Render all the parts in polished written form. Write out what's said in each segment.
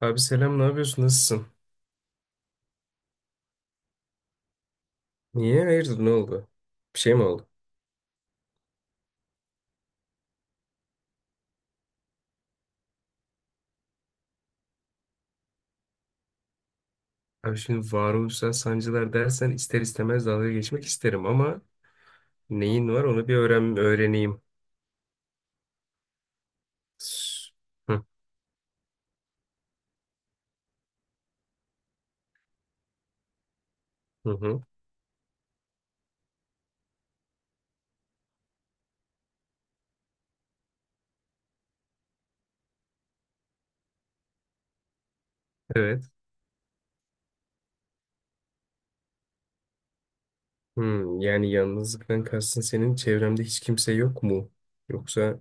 Abi selam, ne yapıyorsun? Nasılsın? Niye? Hayırdır, ne oldu? Bir şey mi oldu? Abi şimdi varoluşsal sancılar dersen ister istemez dalga geçmek isterim ama neyin var onu bir öğreneyim. S- Hı hı. hı. Evet. Hmm, yani yalnızlıktan kastın senin çevremde hiç kimse yok mu? Yoksa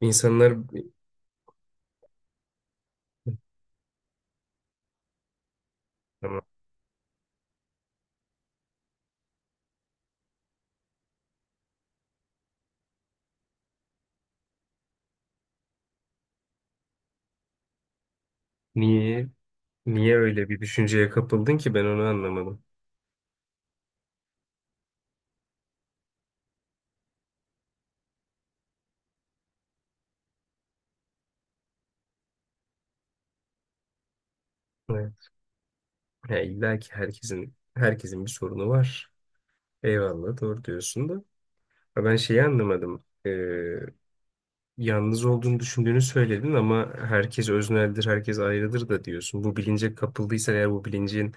insanlar... Tamam. Niye? Niye öyle bir düşünceye kapıldın ki ben onu anlamadım. Evet. Ya illa ki herkesin bir sorunu var. Eyvallah doğru diyorsun da. Ya ben şeyi anlamadım. Yalnız olduğunu düşündüğünü söyledin ama herkes özneldir, herkes ayrıdır da diyorsun. Bu bilince kapıldıysan eğer bu bilincin,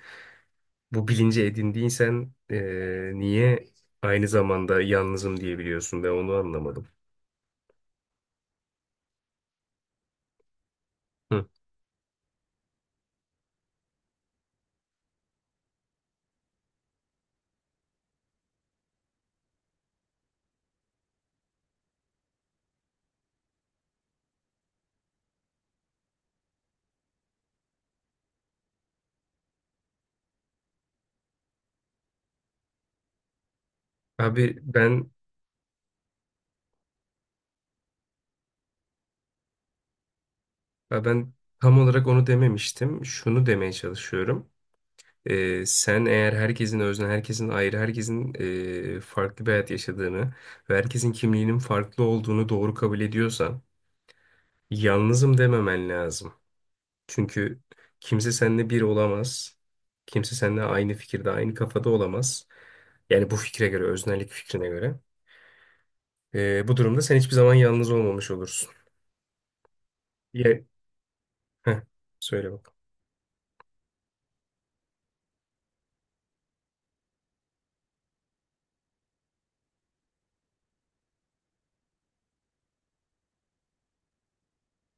Bu bilinci edindiysen niye aynı zamanda yalnızım diyebiliyorsun? Ben onu anlamadım. Hı. Abi ben ya Ben tam olarak onu dememiştim. Şunu demeye çalışıyorum. Sen eğer herkesin özne, herkesin ayrı, herkesin farklı bir hayat yaşadığını ve herkesin kimliğinin farklı olduğunu doğru kabul ediyorsan yalnızım dememen lazım. Çünkü kimse seninle bir olamaz. Kimse seninle aynı fikirde, aynı kafada olamaz. Yani bu fikre göre, öznellik fikrine göre. Bu durumda sen hiçbir zaman yalnız olmamış olursun. Ya Heh, Söyle bak.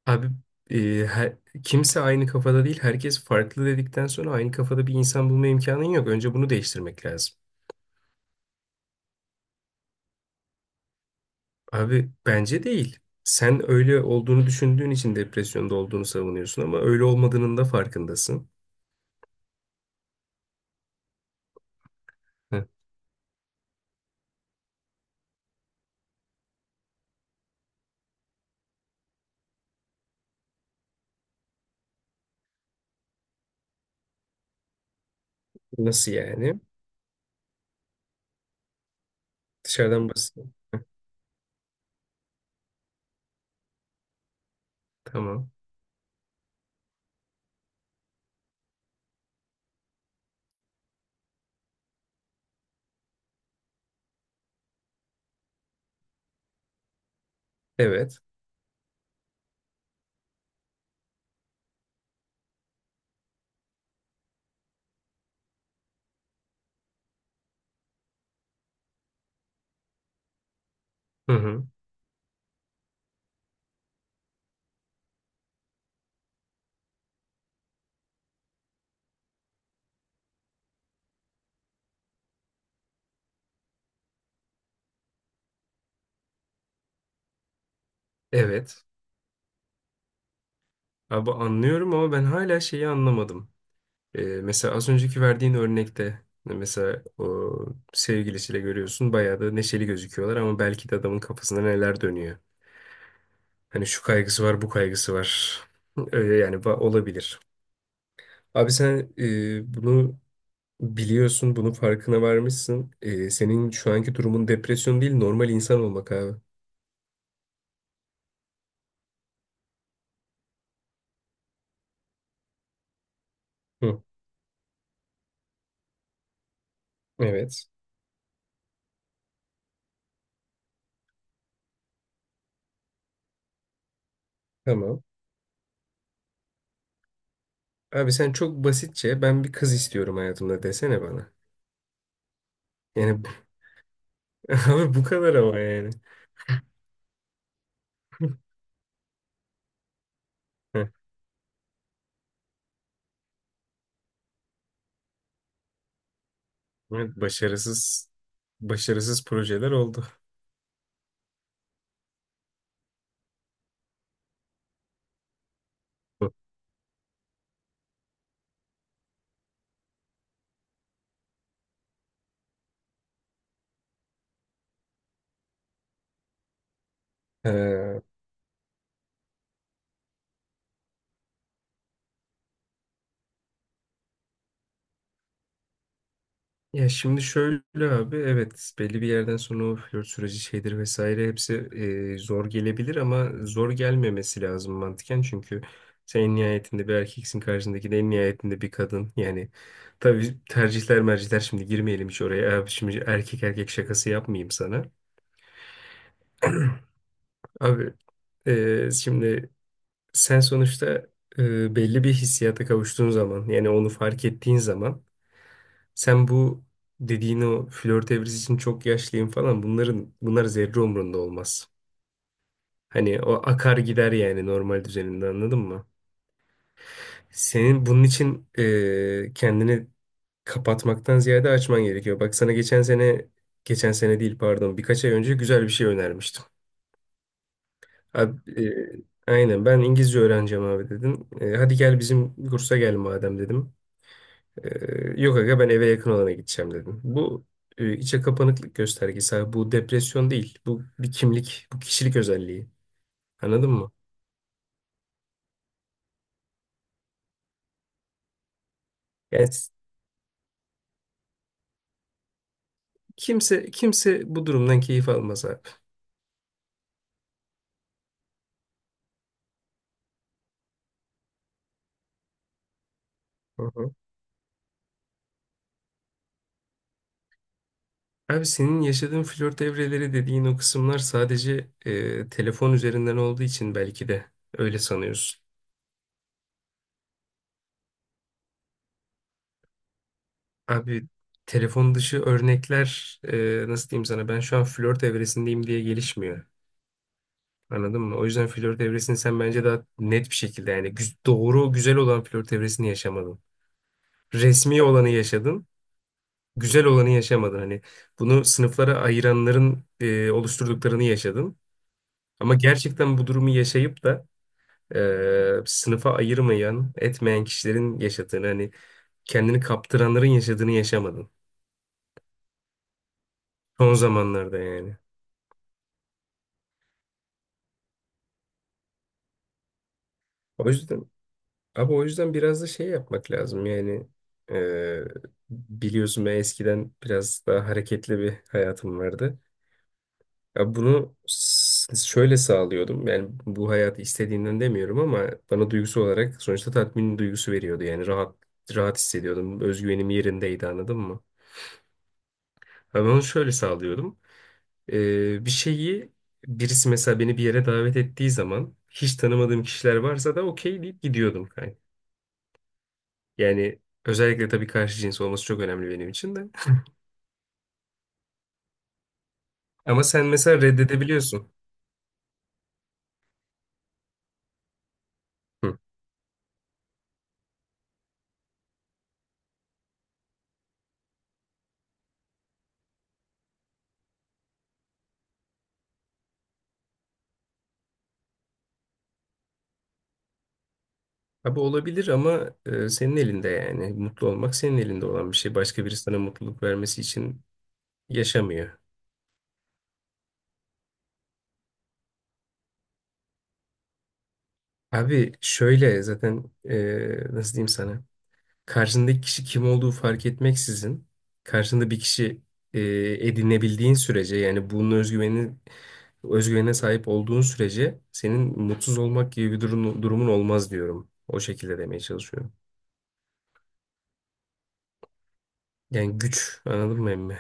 Abi e, her- kimse aynı kafada değil, herkes farklı dedikten sonra aynı kafada bir insan bulma imkanın yok. Önce bunu değiştirmek lazım. Abi bence değil. Sen öyle olduğunu düşündüğün için depresyonda olduğunu savunuyorsun ama öyle olmadığının da farkındasın. Ee, Nasıl yani? Dışarıdan basın. Tamam. Evet. Hı hı. Evet. Abi anlıyorum ama ben hala şeyi anlamadım. Mesela az önceki verdiğin örnekte mesela o sevgilisiyle görüyorsun bayağı da neşeli gözüküyorlar ama belki de adamın kafasında neler dönüyor. Hani şu kaygısı var, bu kaygısı var. Öyle yani olabilir. Abi sen bunu biliyorsun, bunun farkına varmışsın. E, senin şu anki durumun depresyon değil, normal insan olmak abi. Hı. Evet. Tamam. Abi sen çok basitçe ben bir kız istiyorum hayatımda desene bana. Yani bu- Abi bu kadar ama yani. Heh, evet, başarısız projeler oldu. Ee, Ya şimdi şöyle abi, evet, belli bir yerden sonra o flört süreci şeydir vesaire hepsi zor gelebilir ama zor gelmemesi lazım mantıken çünkü sen en nihayetinde bir erkeksin, karşındaki de en nihayetinde bir kadın. Yani tabii tercihler mercihler şimdi girmeyelim hiç oraya abi, şimdi erkek erkek şakası yapmayayım sana. Abi şimdi sen sonuçta belli bir hissiyata kavuştuğun zaman yani onu fark ettiğin zaman sen bu dediğin o flört evresi için çok yaşlıyım falan bunlar zerre umrunda olmaz. Hani o akar gider yani normal düzeninde, anladın mı? Senin bunun için kendini kapatmaktan ziyade açman gerekiyor. Bak sana geçen sene değil, pardon, birkaç ay önce güzel bir şey önermiştim. Abi, aynen, ben İngilizce öğreneceğim abi dedim. E, hadi gel bizim kursa gel madem dedim. E, yok aga ben eve yakın olana gideceğim dedim. Bu içe kapanıklık göstergesi abi. Bu depresyon değil. Bu bir kimlik, bu kişilik özelliği. Anladın mı? Yani s- kimse kimse bu durumdan keyif almaz abi. Hı hı. Abi senin yaşadığın flört evreleri dediğin o kısımlar sadece telefon üzerinden olduğu için belki de öyle sanıyorsun. Abi telefon dışı örnekler nasıl diyeyim sana, ben şu an flört evresindeyim diye gelişmiyor. Anladın mı? O yüzden flört evresini sen bence daha net bir şekilde yani doğru güzel olan flört evresini yaşamadın. Resmi olanı yaşadın, güzel olanı yaşamadın. Hani bunu sınıflara ayıranların oluşturduklarını yaşadın. Ama gerçekten bu durumu yaşayıp da sınıfa ayırmayan, etmeyen kişilerin yaşadığını, hani kendini kaptıranların yaşadığını yaşamadın. Son zamanlarda yani. O yüzden abi o yüzden biraz da şey yapmak lazım yani eee, biliyorsun ben eskiden biraz daha hareketli bir hayatım vardı. Şöyle sağlıyordum yani bu hayatı istediğimden demiyorum ama bana duygusu olarak sonuçta tatmin duygusu veriyordu, yani rahat hissediyordum, özgüvenim yerindeydi, anladın mı? Ben onu şöyle sağlıyordum. Eee, bir şeyi Birisi mesela beni bir yere davet ettiği zaman hiç tanımadığım kişiler varsa da okey deyip gidiyordum. Yani özellikle tabii karşı cins olması çok önemli benim için de. Ama sen mesela reddedebiliyorsun. Hı. Abi olabilir ama senin elinde yani. Mutlu olmak senin elinde olan bir şey. Başka biri sana mutluluk vermesi için yaşamıyor. Abi şöyle zaten nasıl diyeyim sana. Karşındaki kişi kim olduğu fark etmeksizin karşında bir kişi e, edinebildiğin sürece yani bunun özgüveni özgüvene sahip olduğun sürece senin mutsuz olmak gibi durumun olmaz diyorum. O şekilde demeye çalışıyorum. Yani güç, anladın mı emmi?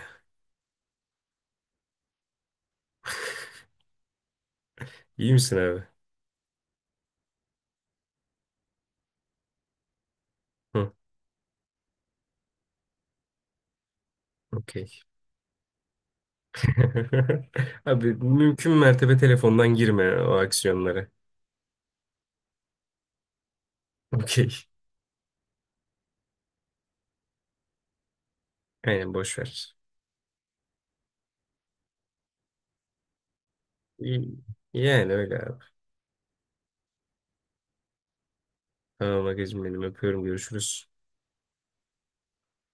İyi misin abi? Hı, okey. Abi mümkün mertebe telefondan girme o aksiyonlara. Okey. Aynen boş ver. İyi- Yani öyle abi. Tamam Agacığım benim, öpüyorum, görüşürüz.